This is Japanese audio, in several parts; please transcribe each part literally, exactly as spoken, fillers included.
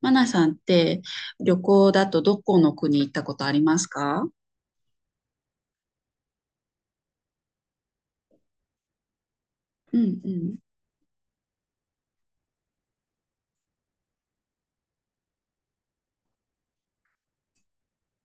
マナさんって旅行だとどこの国行ったことありますか？うんうん。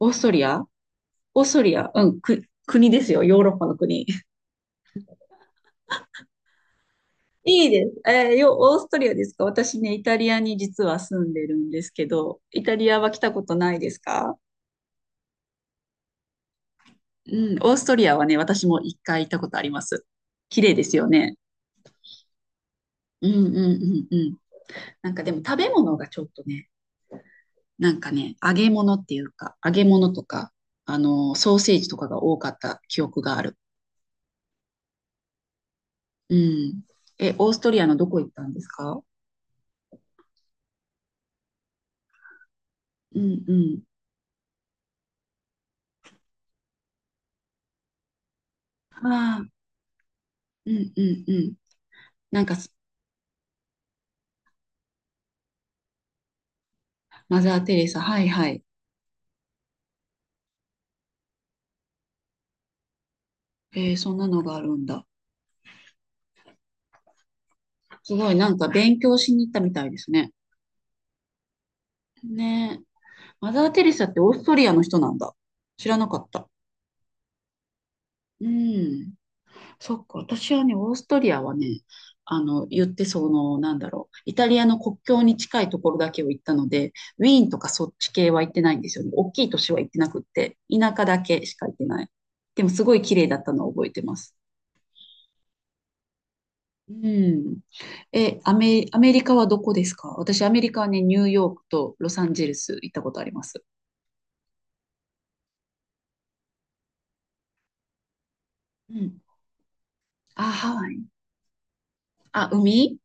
オーストリア。オーストリア、うん、く、国ですよ。ヨーロッパの国。いいです。えー、よ、オーストリアですか？私ね、イタリアに実は住んでるんですけど、イタリアは来たことないですか？うん、オーストリアはね、私も一回行ったことあります。綺麗ですよね。うんうんうんうん。なんかでも食べ物がちょっとね、なんかね、揚げ物っていうか、揚げ物とか、あの、ソーセージとかが多かった記憶がある。うん。え、オーストリアのどこ行ったんですか？うんうん。ああ、うんうんうん。なんかす、マザー・テレサ、はいはい。えーそんなのがあるんだ。すごい、なんか勉強しに行ったみたいですね。ねえ。マザー・テレサってオーストリアの人なんだ。知らなかった。うん。そっか、私はね、オーストリアはね、あの、言ってその、なんだろう、イタリアの国境に近いところだけを行ったので、ウィーンとかそっち系は行ってないんですよね。大きい都市は行ってなくって、田舎だけしか行ってない。でも、すごい綺麗だったのを覚えてます。うん。え、アメ、アメリカはどこですか？私、アメリカはね、ニューヨークとロサンゼルス行ったことあります。うん。あ、ハワイ。あ、海。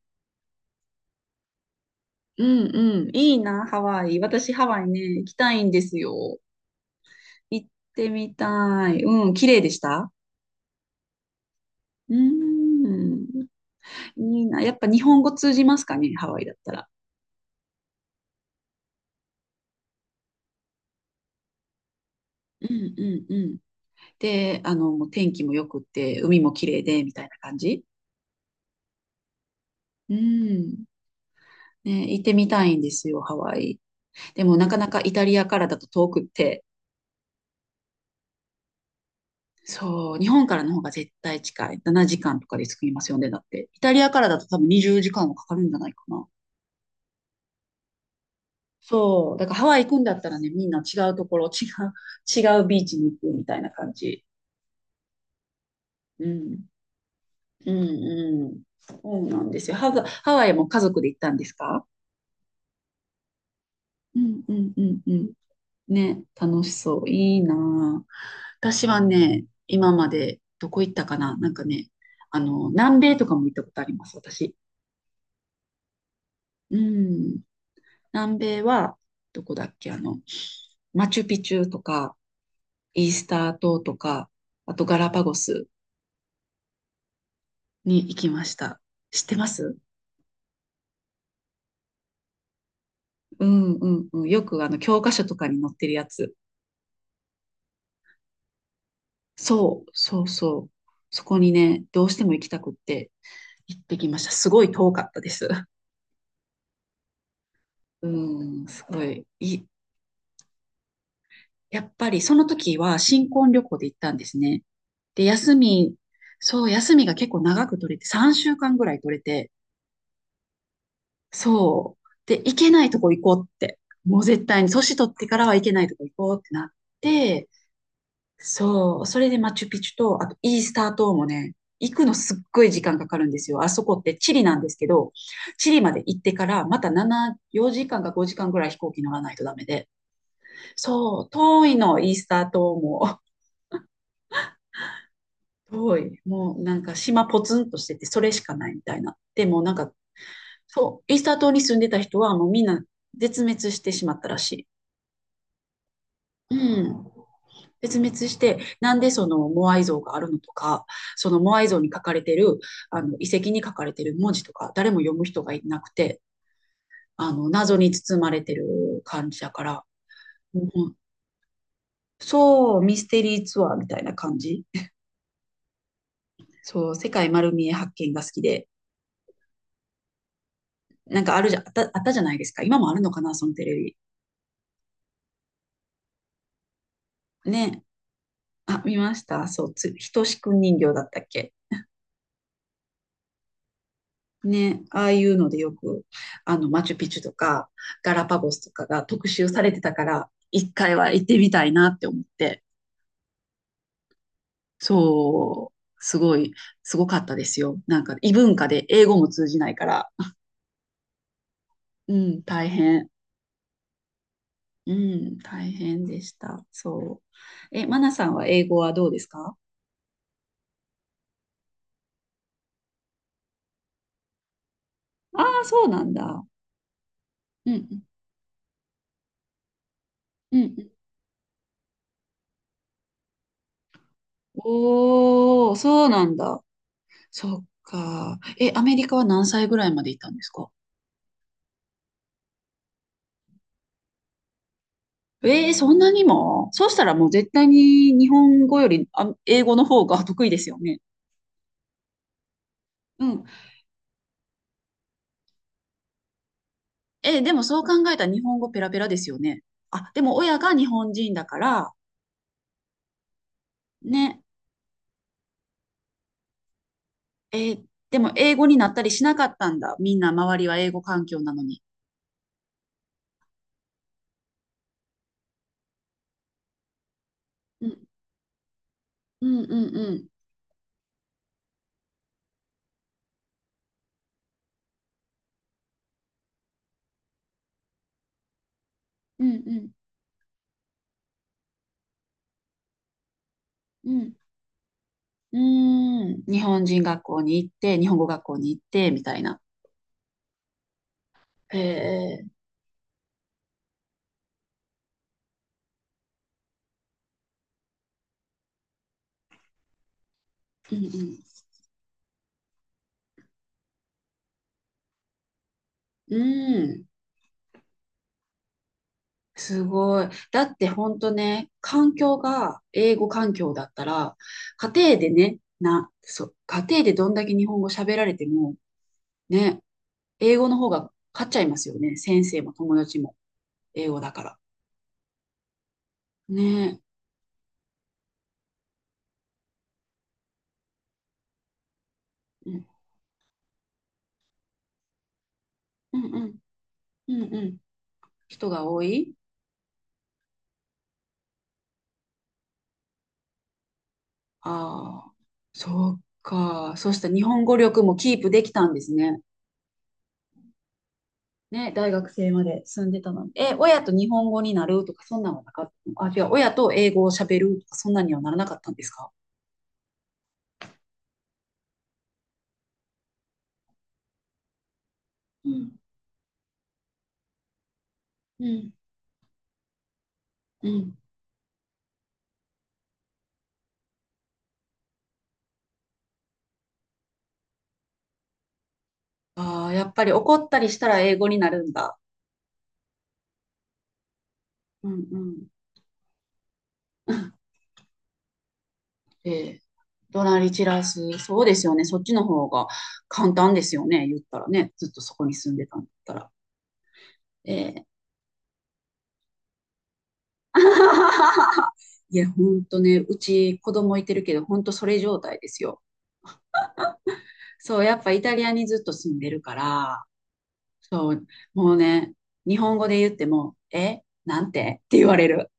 うんうん。いいな、ハワイ。私、ハワイね、行きたいんですよ。行ってみたい。うん、綺麗でした。うーん、いいな。やっぱ日本語通じますかね、ハワイだったら。うんうんうん。で、あの、もう天気も良くって、海も綺麗で、みたいな感じ。うん。ね、行ってみたいんですよ、ハワイ。でもなかなかイタリアからだと遠くって、そう、日本からの方が絶対近い。しちじかんとかで着きますよね、だって。イタリアからだと多分にじゅうじかんはかかるんじゃないかな。そう、だからハワイ行くんだったらね、みんな違うところ、違う、違うビーチに行くみたいな感じ。うん、うん、うん。そうなんですよ。ハワイ、ハワイも家族で行ったんですか？うん、うん、うん、うん。ね、楽しそう。いいなあ。私はね、今までどこ行ったかな。なんかね、あの、南米とかも行ったことあります、私。うん。南米は、どこだっけ。あの、マチュピチュとか、イースター島とか、あとガラパゴスに行きました。知ってます？うんうんうん。よくあの教科書とかに載ってるやつ。そうそうそう。そこにね、どうしても行きたくって。行ってきました。すごい遠かったです。うん、すごい。い、やっぱりその時は新婚旅行で行ったんですね。で、休み、そう、休みが結構長く取れて、さんしゅうかんぐらい取れて、そう。で、行けないとこ行こうって。もう絶対に、年取ってからは行けないとこ行こうってなって、そう。それでマチュピチュと、あとイースター島もね、行くのすっごい時間かかるんですよ。あそこってチリなんですけど、チリまで行ってからまたなな、よじかんかごじかんぐらい飛行機乗らないとダメで。そう、遠いの、イースター島も。遠い。もうなんか島ポツンとしてて、それしかないみたいな。でもなんか、そう、イースター島に住んでた人はもうみんな絶滅してしまったらしい。うん。絶滅して、なんでそのモアイ像があるのとか、そのモアイ像に書かれてる、あの、遺跡に書かれてる文字とか、誰も読む人がいなくて、あの、謎に包まれてる感じだから、うん、そう、ミステリーツアーみたいな感じ。そう、世界丸見え発見が好きで、なんかあるじゃ、あった、あったじゃないですか。今もあるのかな、そのテレビ。ね。あ、見ました。そう、つ、ひとしくん人形だったっけ？ね、ああいうのでよく、あの、マチュピチュとか、ガラパゴスとかが特集されてたから、一回は行ってみたいなって思って、そう、すごい、すごかったですよ。なんか、異文化で英語も通じないから、うん、大変、うん、大変でした。そう。え、マナさんは英語はどうですか？ああ、そうなんだ。うん、うん、うんうん。おー、そうなんだ。そっか。え、アメリカは何歳ぐらいまでいたんですか？ええ、そんなにも。そうしたらもう絶対に日本語よりあ英語の方が得意ですよね。うん。え、でもそう考えたら日本語ペラペラですよね。あ、でも親が日本人だから、ね。えーでも英語になったりしなかったんだ。みんな周りは英語環境なのに。うん、うん、うん、うん、うん、うん、うん。うーん。日本人学校に行って、日本語学校に行って、みたいな。へえ。うん、うん。うーん。すごい。だって本当ね、環境が英語環境だったら、家庭でね、な、そう、家庭でどんだけ日本語喋られても、ね、英語の方が勝っちゃいますよね。先生も友達も英語だから。ねえ。うんうんうんうんうん。人が多い。ああー、そっか。そうしたら日本語力もキープできたんですね。ね、大学生まで住んでたのに、え、親と日本語になるとか、そんなのはなかった。あ、違う、親と英語を喋るとか、そんなにはならなかったんですか？うん、うん、うん。ああ、やっぱり怒ったりしたら英語になるんだ。うんうん。ええ、怒鳴り散らす。そうですよね。そっちの方が簡単ですよね。言ったらね。ずっとそこに住んでたんだったら。ええ。いや、ほんとね、うち子供いてるけど、ほんとそれ状態ですよ。そう、やっぱイタリアにずっと住んでるから、そう、もうね、日本語で言っても、え、なんてって言われる。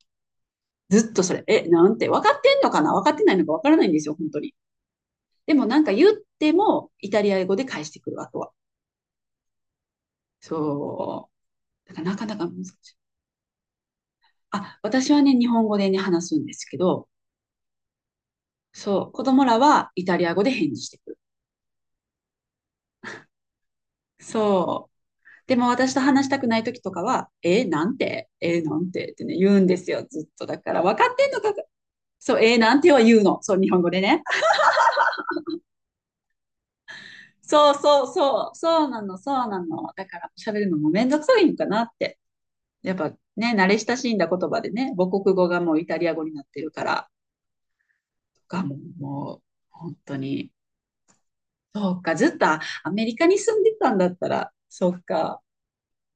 ずっとそれ、え、なんて、分かってんのかな、分かってないのか分からないんですよ、本当に。でもなんか言っても、イタリア語で返してくる、あとは。そう。だからなかなか難しい。あ、私はね、日本語でね、話すんですけど、そう、子供らはイタリア語で返事してくる。そう。でも私と話したくない時とかは、え、なんて、え、なんてってね、言うんですよ、ずっと。だから、分かってんのか、そう、え、なんては言うの。そう、日本語でね。そうそうそう、そうなの、そうなの。だから喋るのもめんどくさいのかなって。やっぱね、慣れ親しんだ言葉でね、母国語がもうイタリア語になってるから、がもう、もう本当に、そうか、ずっとアメリカに住んでたんだったら、そっか。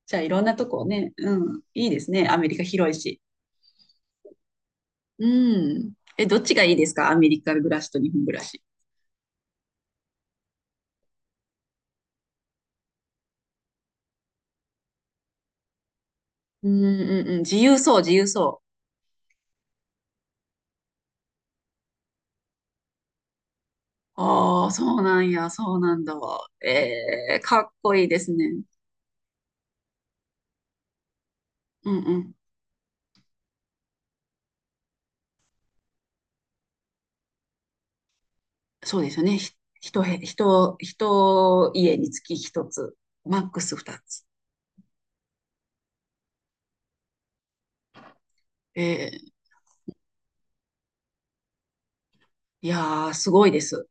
じゃあいろんなとこね、うん、いいですね。アメリカ広いし。うん。え、どっちがいいですか？アメリカ暮らしと日本暮らし。うんうんうん。自由そう、自由そう。ああ、そうなんや、そうなんだわ。えー、かっこいいですね。うんうん。そうですよね。ひ一部、一、一家につき一つ、マックス二つ。えー、いやー、すごいです。